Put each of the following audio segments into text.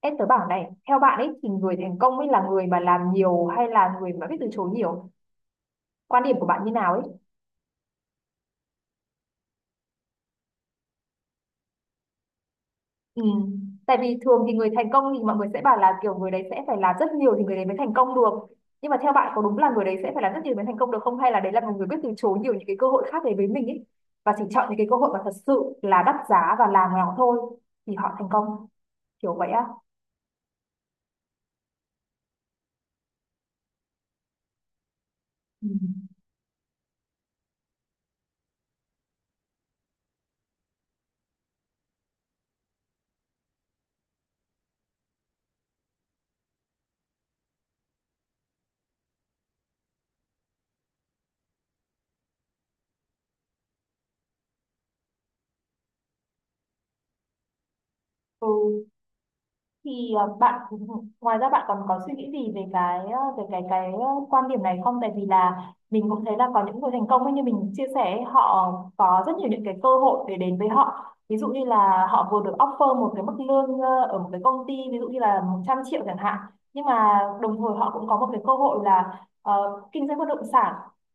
Em tớ bảo này, theo bạn ấy thì người thành công ấy là người mà làm nhiều hay là người mà biết từ chối nhiều? Quan điểm của bạn như nào ấy? Ừ. Tại vì thường thì người thành công thì mọi người sẽ bảo là kiểu người đấy sẽ phải làm rất nhiều thì người đấy mới thành công được. Nhưng mà theo bạn có đúng là người đấy sẽ phải làm rất nhiều mới thành công được không? Hay là đấy là một người biết từ chối nhiều những cái cơ hội khác đến với mình ấy? Và chỉ chọn những cái cơ hội mà thật sự là đắt giá và làm nó thôi thì họ thành công. Kiểu vậy á. Ừ. Ừ. thì ờ, bạn ngoài ra bạn còn có suy nghĩ gì về cái ờ, quan điểm này không, tại vì là mình cũng thấy là có những người thành công ấy, như mình chia sẻ ấy, họ có rất nhiều những cái cơ hội để đến với họ, ví dụ như là họ vừa được offer một cái mức lương ở một cái công ty, ví dụ như là 100 triệu chẳng hạn, nhưng mà đồng thời họ cũng có một cái cơ hội là kinh doanh bất động sản.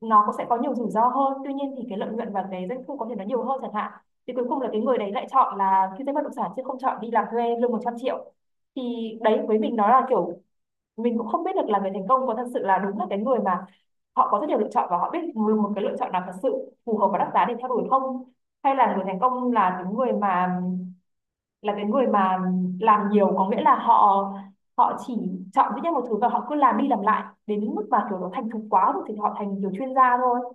Nó cũng sẽ có nhiều rủi ro hơn, tuy nhiên thì cái lợi nhuận và cái doanh thu có thể nó nhiều hơn chẳng hạn, thì cuối cùng là cái người đấy lại chọn là kinh doanh bất động sản chứ không chọn đi làm thuê lương 100 triệu. Thì đấy, với mình nó là kiểu mình cũng không biết được là người thành công có thật sự là đúng là cái người mà họ có rất nhiều lựa chọn và họ biết một một cái lựa chọn nào thật sự phù hợp và đắt giá để theo đuổi không, hay là người thành công là cái người mà làm nhiều, có nghĩa là họ họ chỉ chọn duy nhất một thứ và họ cứ làm đi làm lại đến mức mà kiểu nó thành thục quá rồi thì họ thành kiểu chuyên gia thôi.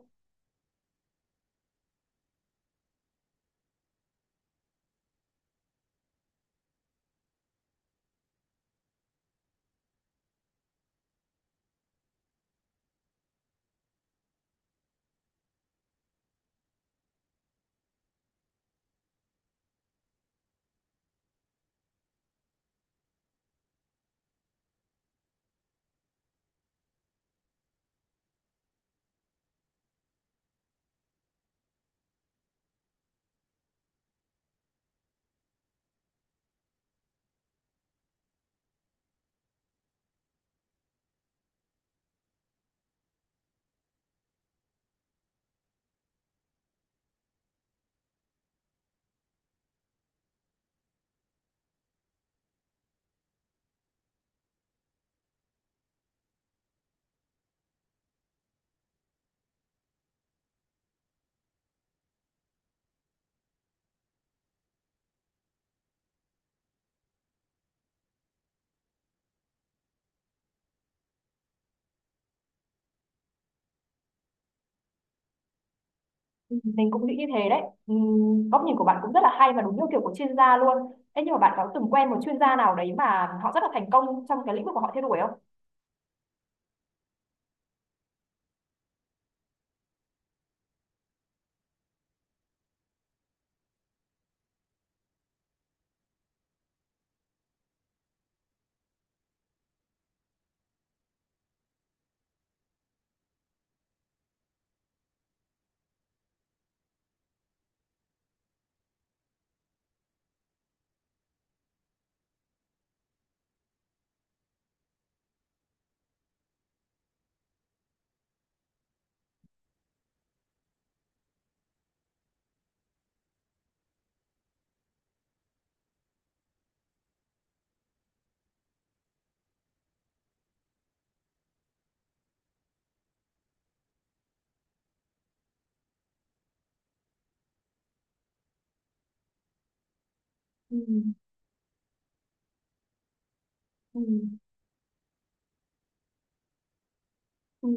Ừ, mình cũng nghĩ như thế đấy. Góc nhìn của bạn cũng rất là hay và đúng như kiểu của chuyên gia luôn. Thế nhưng mà bạn có từng quen một chuyên gia nào đấy mà họ rất là thành công trong cái lĩnh vực của họ theo đuổi không? Ừ, ừ, ừ,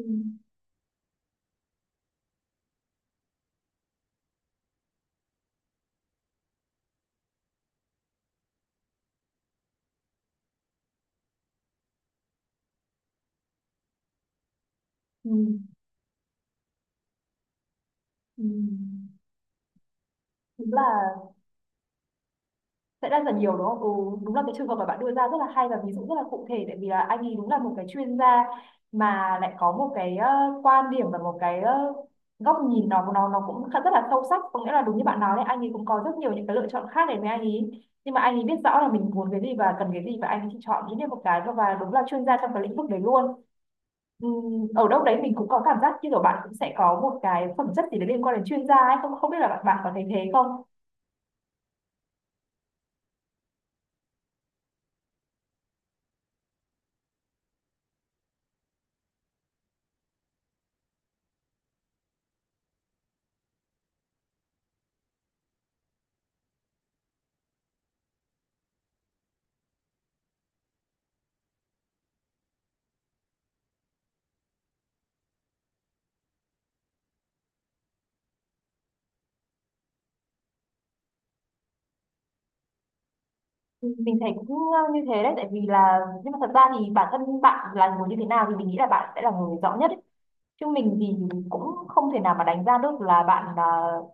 ừ, ừ. Đúng là sẽ rất là nhiều đúng không? Ừ, đúng là cái trường hợp mà bạn đưa ra rất là hay và ví dụ rất là cụ thể, tại vì là anh ấy đúng là một cái chuyên gia mà lại có một cái quan điểm và một cái góc nhìn nó cũng khá- rất là sâu sắc, có nghĩa là đúng như bạn nói đấy, anh ấy cũng có rất nhiều những cái lựa chọn khác, để với anh ấy nhưng mà anh ấy biết rõ là mình muốn cái gì và cần cái gì, và anh ấy chỉ chọn duy nhất một cái thôi và đúng là chuyên gia trong cái lĩnh vực đấy luôn. Ở đâu đấy mình cũng có cảm giác như kiểu bạn cũng sẽ có một cái phẩm chất gì đấy liên quan đến chuyên gia ấy không, không biết là bạn có thấy thế không. Mình thấy cũng như thế đấy, tại vì là nhưng mà thật ra thì bản thân bạn là người như thế nào thì mình nghĩ là bạn sẽ là người rõ nhất ấy, chứ mình thì cũng không thể nào mà đánh giá được là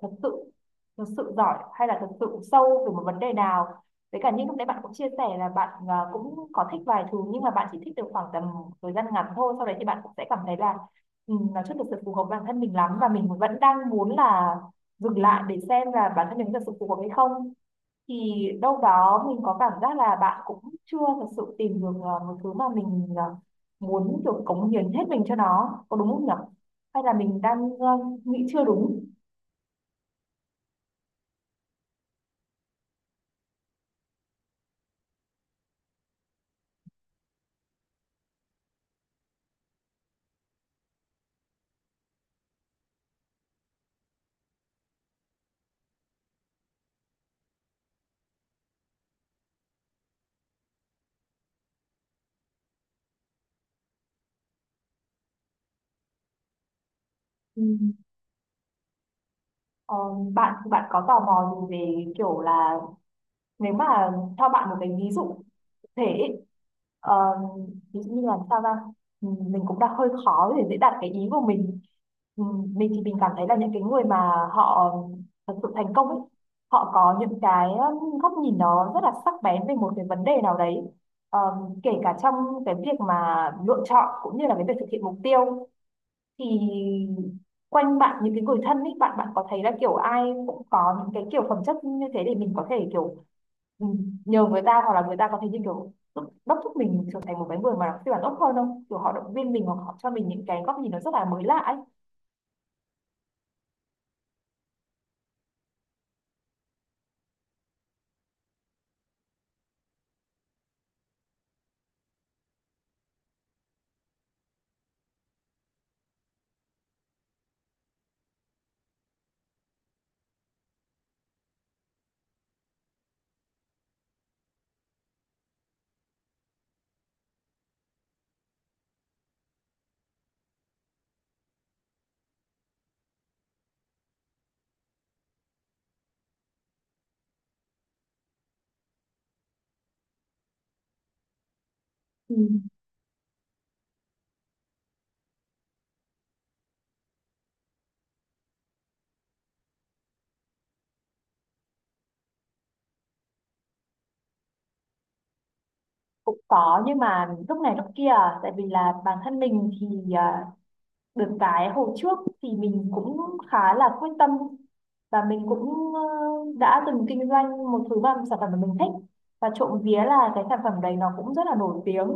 thật sự thật sự giỏi hay là thật sự sâu về một vấn đề nào. Với cả như lúc nãy bạn cũng chia sẻ là bạn cũng có thích vài thứ nhưng mà bạn chỉ thích được khoảng tầm thời gian ngắn thôi, sau đấy thì bạn cũng sẽ cảm thấy là ừ, nó chưa thực sự phù hợp bản thân mình lắm và mình vẫn đang muốn là dừng lại để xem là bản thân mình thật sự phù hợp hay không. Thì đâu đó mình có cảm giác là bạn cũng chưa thật sự tìm được một thứ mà mình muốn kiểu cống hiến hết mình cho nó, có đúng không nhỉ, hay là mình đang nghĩ chưa đúng. Ừ. Ờ, bạn bạn có tò mò gì về kiểu là nếu mà cho bạn một cái ví dụ cụ thể ấy, ờ, ví dụ như là sao ra mình cũng đang hơi khó để dễ đạt cái ý của mình. Ừ, mình thì mình cảm thấy là những cái người mà họ thật sự thành công ấy, họ có những cái góc nhìn nó rất là sắc bén về một cái vấn đề nào đấy. Ờ, kể cả trong cái việc mà lựa chọn cũng như là cái việc thực hiện mục tiêu, thì quanh bạn những cái người thân ấy, bạn bạn có thấy là kiểu ai cũng có những cái kiểu phẩm chất như thế để mình có thể kiểu ừ, nhờ người ta, hoặc là người ta có thể như kiểu đốc đốc thúc mình trở thành một cái người mà phiên bản tốt hơn không, kiểu họ động viên mình hoặc họ cho mình những cái góc nhìn nó rất là mới lạ ấy. Ừ. Cũng có nhưng mà lúc này lúc kia, tại vì là bản thân mình thì được cái hồi trước thì mình cũng khá là quyết tâm và mình cũng đã từng kinh doanh một thứ mà sản phẩm mà mình thích, và trộm vía là cái sản phẩm đấy nó cũng rất là nổi tiếng.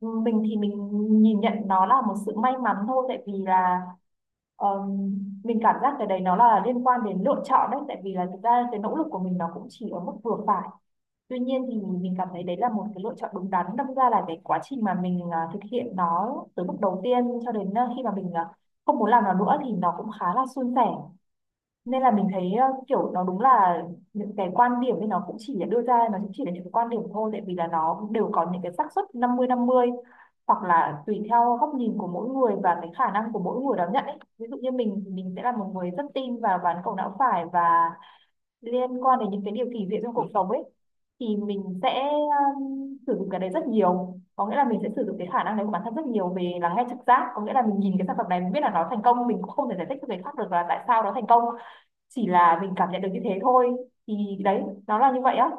Ừ, mình thì mình nhìn nhận nó là một sự may mắn thôi, tại vì là ờm, mình cảm giác cái đấy nó là liên quan đến lựa chọn đấy, tại vì là thực ra cái nỗ lực của mình nó cũng chỉ ở mức vừa phải. Tuy nhiên thì mình cảm thấy đấy là một cái lựa chọn đúng đắn. Đâm ra là cái quá trình mà mình thực hiện nó từ bước đầu tiên cho đến khi mà mình không muốn làm nó nữa thì nó cũng khá là suôn sẻ. Nên là mình thấy kiểu nó đúng là những cái quan điểm thì nó cũng chỉ là đưa ra, nó cũng chỉ là những cái quan điểm thôi. Tại vì là nó cũng đều có những cái xác suất 50-50, hoặc là tùy theo góc nhìn của mỗi người và cái khả năng của mỗi người đón nhận ấy. Ví dụ như mình thì mình sẽ là một người rất tin vào ván cầu não phải và liên quan đến những cái điều kỳ diệu trong cuộc sống ấy, thì mình sẽ sử dụng cái đấy rất nhiều, có nghĩa là mình sẽ sử dụng cái khả năng đấy của bản thân rất nhiều về lắng nghe trực giác, có nghĩa là mình nhìn cái sản phẩm này mình biết là nó thành công, mình cũng không thể giải thích cho người khác được là tại sao nó thành công, chỉ là mình cảm nhận được như thế thôi. Thì đấy, nó là như vậy á.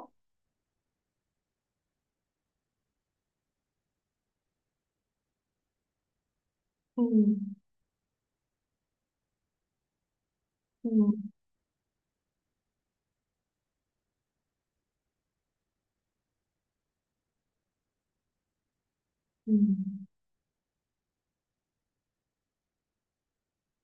Ừ. Ừ. Ừ.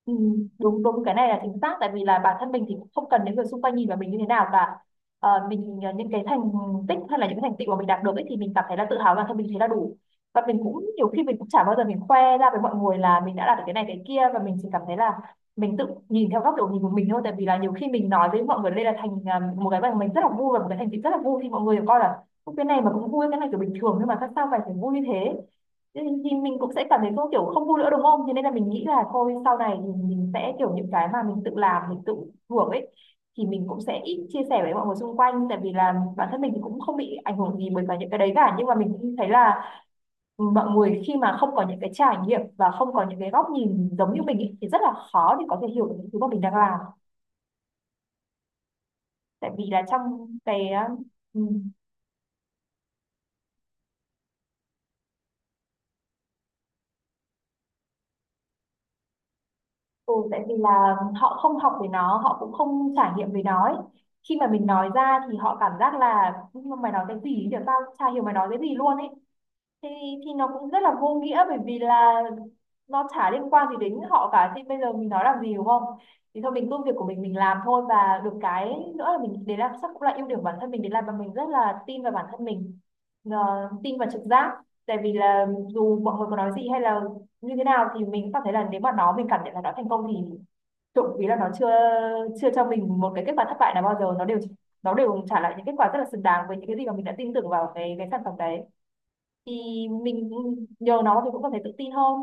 Ừ, đúng đúng, cái này là chính xác, tại vì là bản thân mình thì cũng không cần đến người xung quanh nhìn vào mình như thế nào cả. Những cái thành tích hay là những cái thành tựu mà mình đạt được ấy, thì mình cảm thấy là tự hào bản thân mình thấy là đủ. Và mình cũng nhiều khi mình cũng chả bao giờ mình khoe ra với mọi người là mình đã đạt được cái này cái kia, và mình chỉ cảm thấy là mình tự nhìn theo góc độ nhìn của mình thôi, tại vì là nhiều khi mình nói với mọi người đây là một cái mà mình rất là vui và một cái thành tựu rất là vui, thì mọi người coi là "Ôi, cái này mà cũng vui, cái này kiểu bình thường nhưng mà tại sao phải phải vui như thế". Thế thì mình cũng sẽ cảm thấy không kiểu không vui nữa đúng không? Thế nên là mình nghĩ là thôi sau này thì mình sẽ kiểu những cái mà mình tự làm mình tự hưởng ấy, thì mình cũng sẽ ít chia sẻ với mọi người xung quanh, tại vì là bản thân mình thì cũng không bị ảnh hưởng gì bởi cả những cái đấy cả, nhưng mà mình cũng thấy là mọi người khi mà không có những cái trải nghiệm và không có những cái góc nhìn giống như mình ấy, thì rất là khó để có thể hiểu được những thứ mà mình đang làm, tại vì là trong cái ừ, ừ, tại vì là họ không học về nó, họ cũng không trải nghiệm về nó ấy. Khi mà mình nói ra thì họ cảm giác là "Nhưng mà mày nói cái gì được, tao chả hiểu mày nói cái gì luôn ấy". Thì nó cũng rất là vô nghĩa, bởi vì là nó chả liên quan gì đến họ cả thì bây giờ mình nói làm gì đúng không. Thì thôi mình cứ việc của mình làm thôi, và được cái nữa là mình để làm chắc cũng là ưu điểm của bản thân mình, để làm mà mình rất là tin vào bản thân mình. Ờ, tin vào trực giác, tại vì là dù mọi người có nói gì hay là như thế nào thì mình cũng cảm thấy là nếu mà nó mình cảm nhận là nó thành công thì trộm vía là nó chưa chưa cho mình một cái kết quả thất bại nào bao giờ, nó đều trả lại những kết quả rất là xứng đáng với những cái gì mà mình đã tin tưởng vào cái sản phẩm đấy. Thì mình nhờ nó thì cũng cảm thấy tự tin hơn.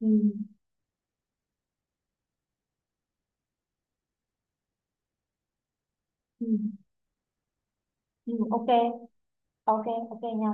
Ừ. Ừ. Ừ. Ok, ok, ok nha.